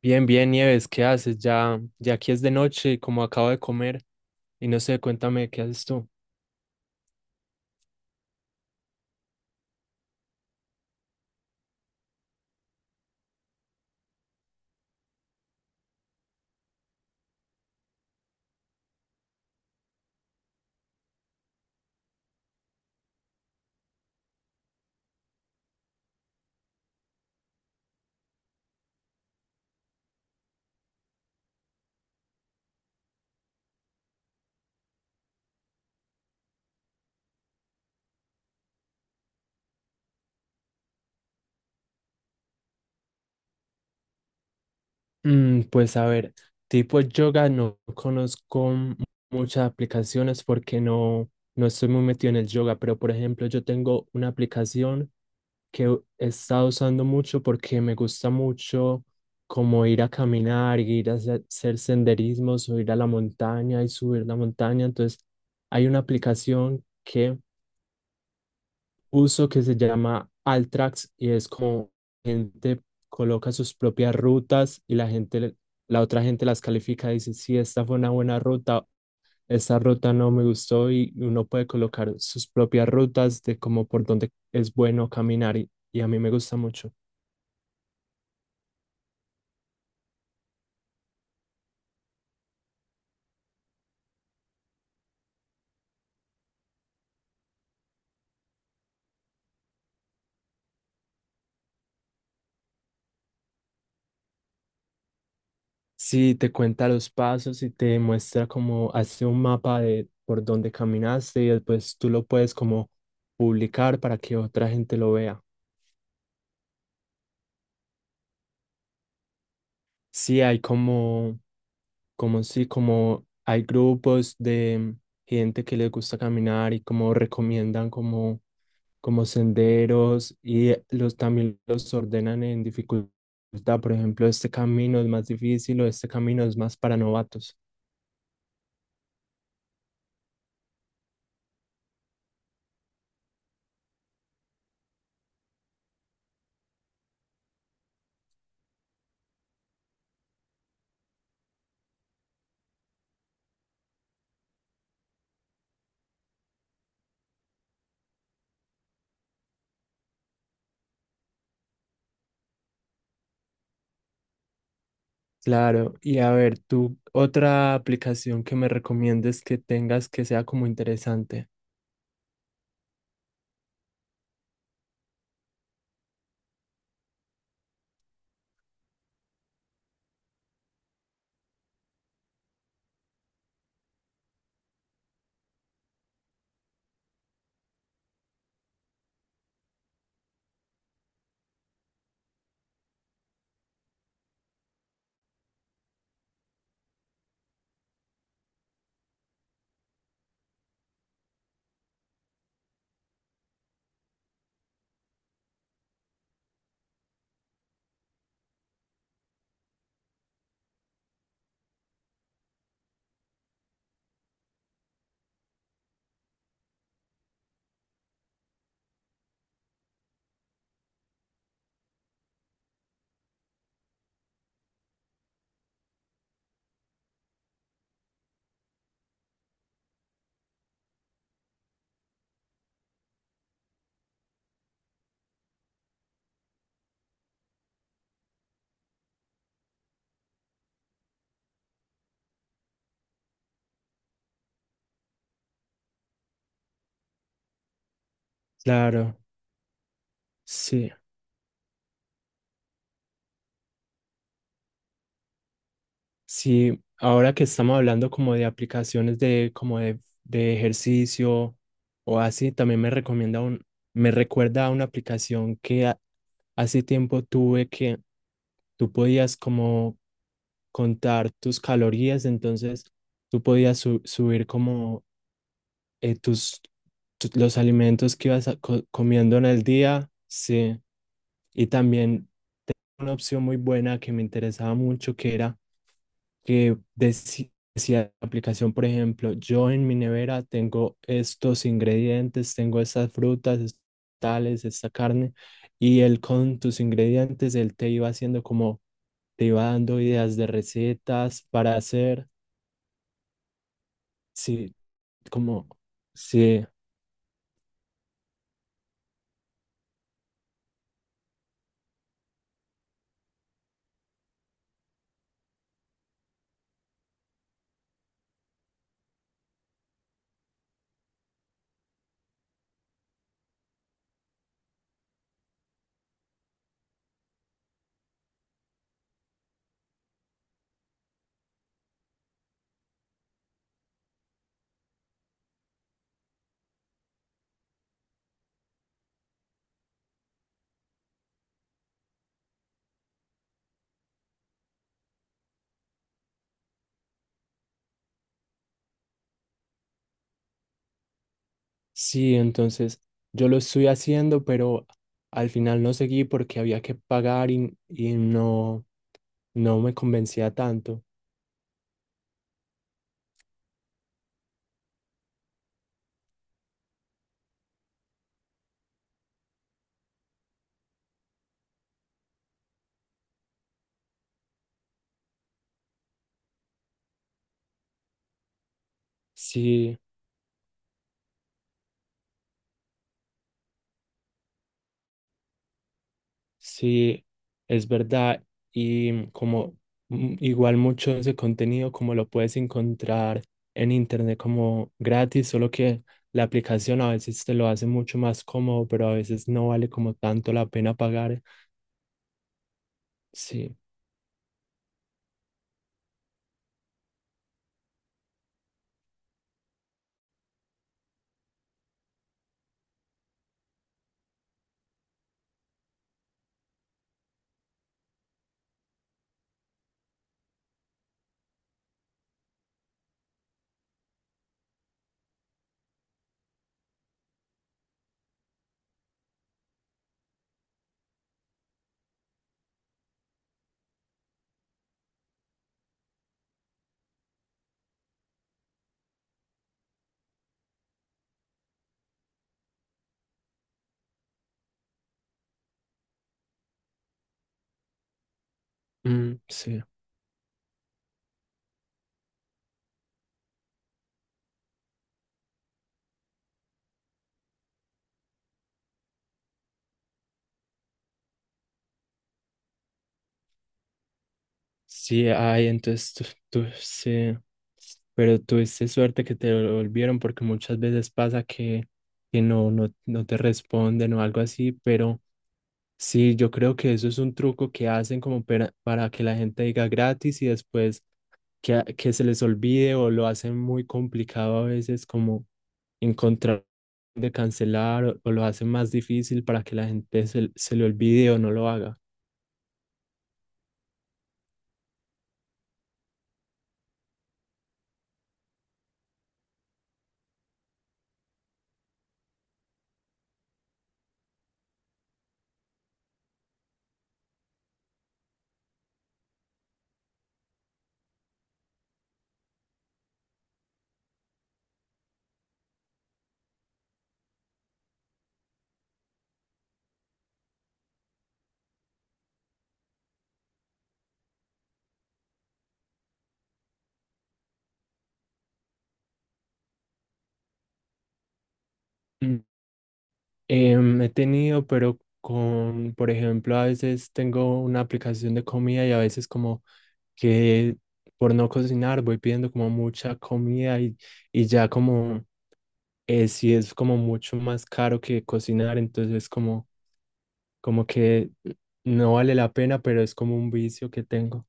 Bien, bien, Nieves, ¿qué haces? Ya, ya aquí es de noche, y como acabo de comer, y no sé, cuéntame, ¿qué haces tú? Mm, pues a ver, tipo yoga no conozco muchas aplicaciones porque no estoy muy metido en el yoga, pero por ejemplo, yo tengo una aplicación que he estado usando mucho porque me gusta mucho como ir a caminar, ir a hacer senderismos o ir a la montaña y subir la montaña. Entonces, hay una aplicación que uso que se llama Altrax y es como gente coloca sus propias rutas y la otra gente las califica y dice, sí, esta fue una buena ruta, esta ruta no me gustó y uno puede colocar sus propias rutas de como por dónde es bueno caminar y a mí me gusta mucho. Sí, te cuenta los pasos y te muestra como hace un mapa de por dónde caminaste y después tú lo puedes como publicar para que otra gente lo vea. Sí, hay como como si, como hay grupos de gente que les gusta caminar y como recomiendan como senderos y los también los ordenan en dificultad. Por ejemplo, este camino es más difícil o este camino es más para novatos. Claro, y a ver, tú, otra aplicación que me recomiendes que tengas que sea como interesante. Claro, sí. Sí, ahora que estamos hablando como de aplicaciones de como de ejercicio o así, también me recomienda me recuerda a una aplicación que hace tiempo tuve que tú podías como contar tus calorías, entonces tú podías subir como eh, tus, los alimentos que ibas a comiendo en el día, sí, y también una opción muy buena que me interesaba mucho, que era que decía la aplicación, por ejemplo, yo en mi nevera tengo estos ingredientes, tengo estas frutas, estos tales, esta carne, y él con tus ingredientes, él te iba haciendo como, te iba dando ideas de recetas para hacer, sí, como, sí, sí, entonces yo lo estoy haciendo, pero al final no seguí porque había que pagar y no. No me convencía tanto. Sí, sí, es verdad. Y mm, como mm, igual mucho de ese contenido, como lo puedes encontrar en internet como gratis, solo que la aplicación a veces te lo hace mucho más cómodo, pero a veces no vale como tanto la pena pagar. Sí, mm, sí, sí, hay, entonces tú sí. Pero tuviste suerte que te volvieron porque muchas veces pasa que no te responden o algo así, pero sí, yo creo que eso es un truco que hacen como para que la gente diga gratis y después que, que se les olvide o lo hacen muy complicado a veces como encontrar de cancelar o lo hacen más difícil para que la gente se le olvide o no lo haga. Mm. Em, he tenido, pero con, por ejemplo, a veces tengo una aplicación de comida y a veces como que por no cocinar voy pidiendo como mucha comida y ya como... sí es como mucho más caro que cocinar, entonces como, como que no vale la pena, pero es como un vicio que tengo.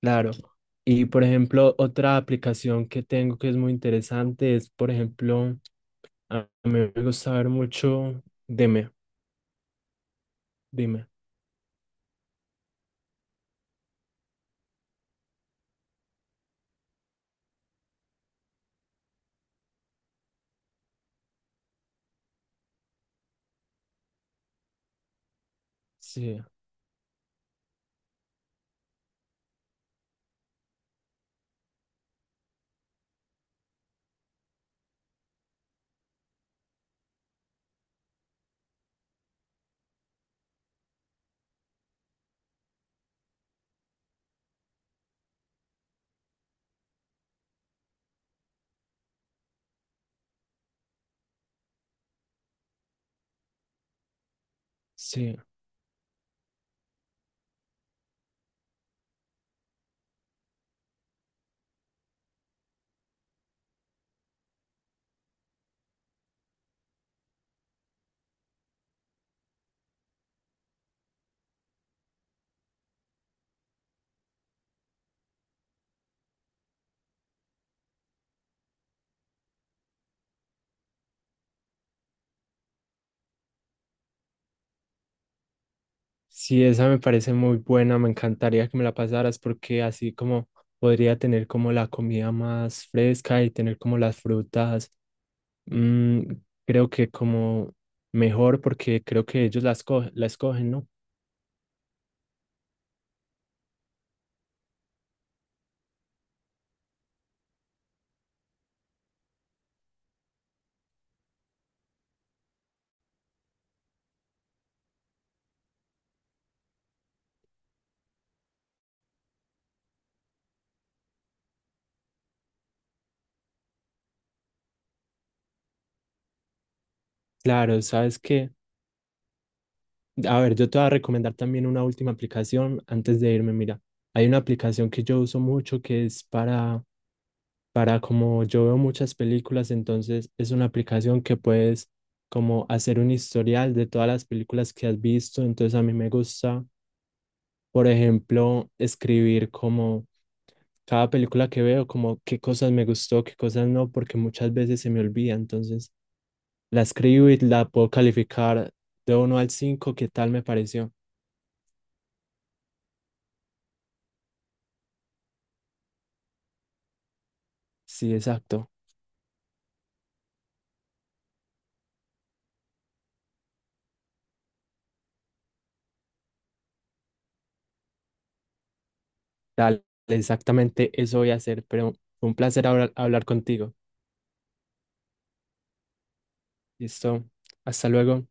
Claro. Y por ejemplo, otra aplicación que tengo que es muy interesante es, por ejemplo, a mí me gusta ver mucho, dime, dime. Sí, sí. Sí, esa me parece muy buena, me encantaría que me la pasaras porque así como podría tener como la comida más fresca y tener como las frutas. Mm, creo que como mejor porque creo que ellos la escogen, ¿no? Claro, sabes que, a ver, yo te voy a recomendar también una última aplicación antes de irme. Mira, hay una aplicación que yo uso mucho que es para como yo veo muchas películas, entonces es una aplicación que puedes como hacer un historial de todas las películas que has visto, entonces a mí me gusta. Por ejemplo, escribir como cada película que veo, como qué cosas me gustó, qué cosas no, porque muchas veces se me olvida. Entonces, la escribo y la puedo calificar de uno al 5 qué tal me pareció. Sí, exacto. Dale, exactamente eso voy a hacer, pero fue un placer hablar contigo. Listo. Hasta luego.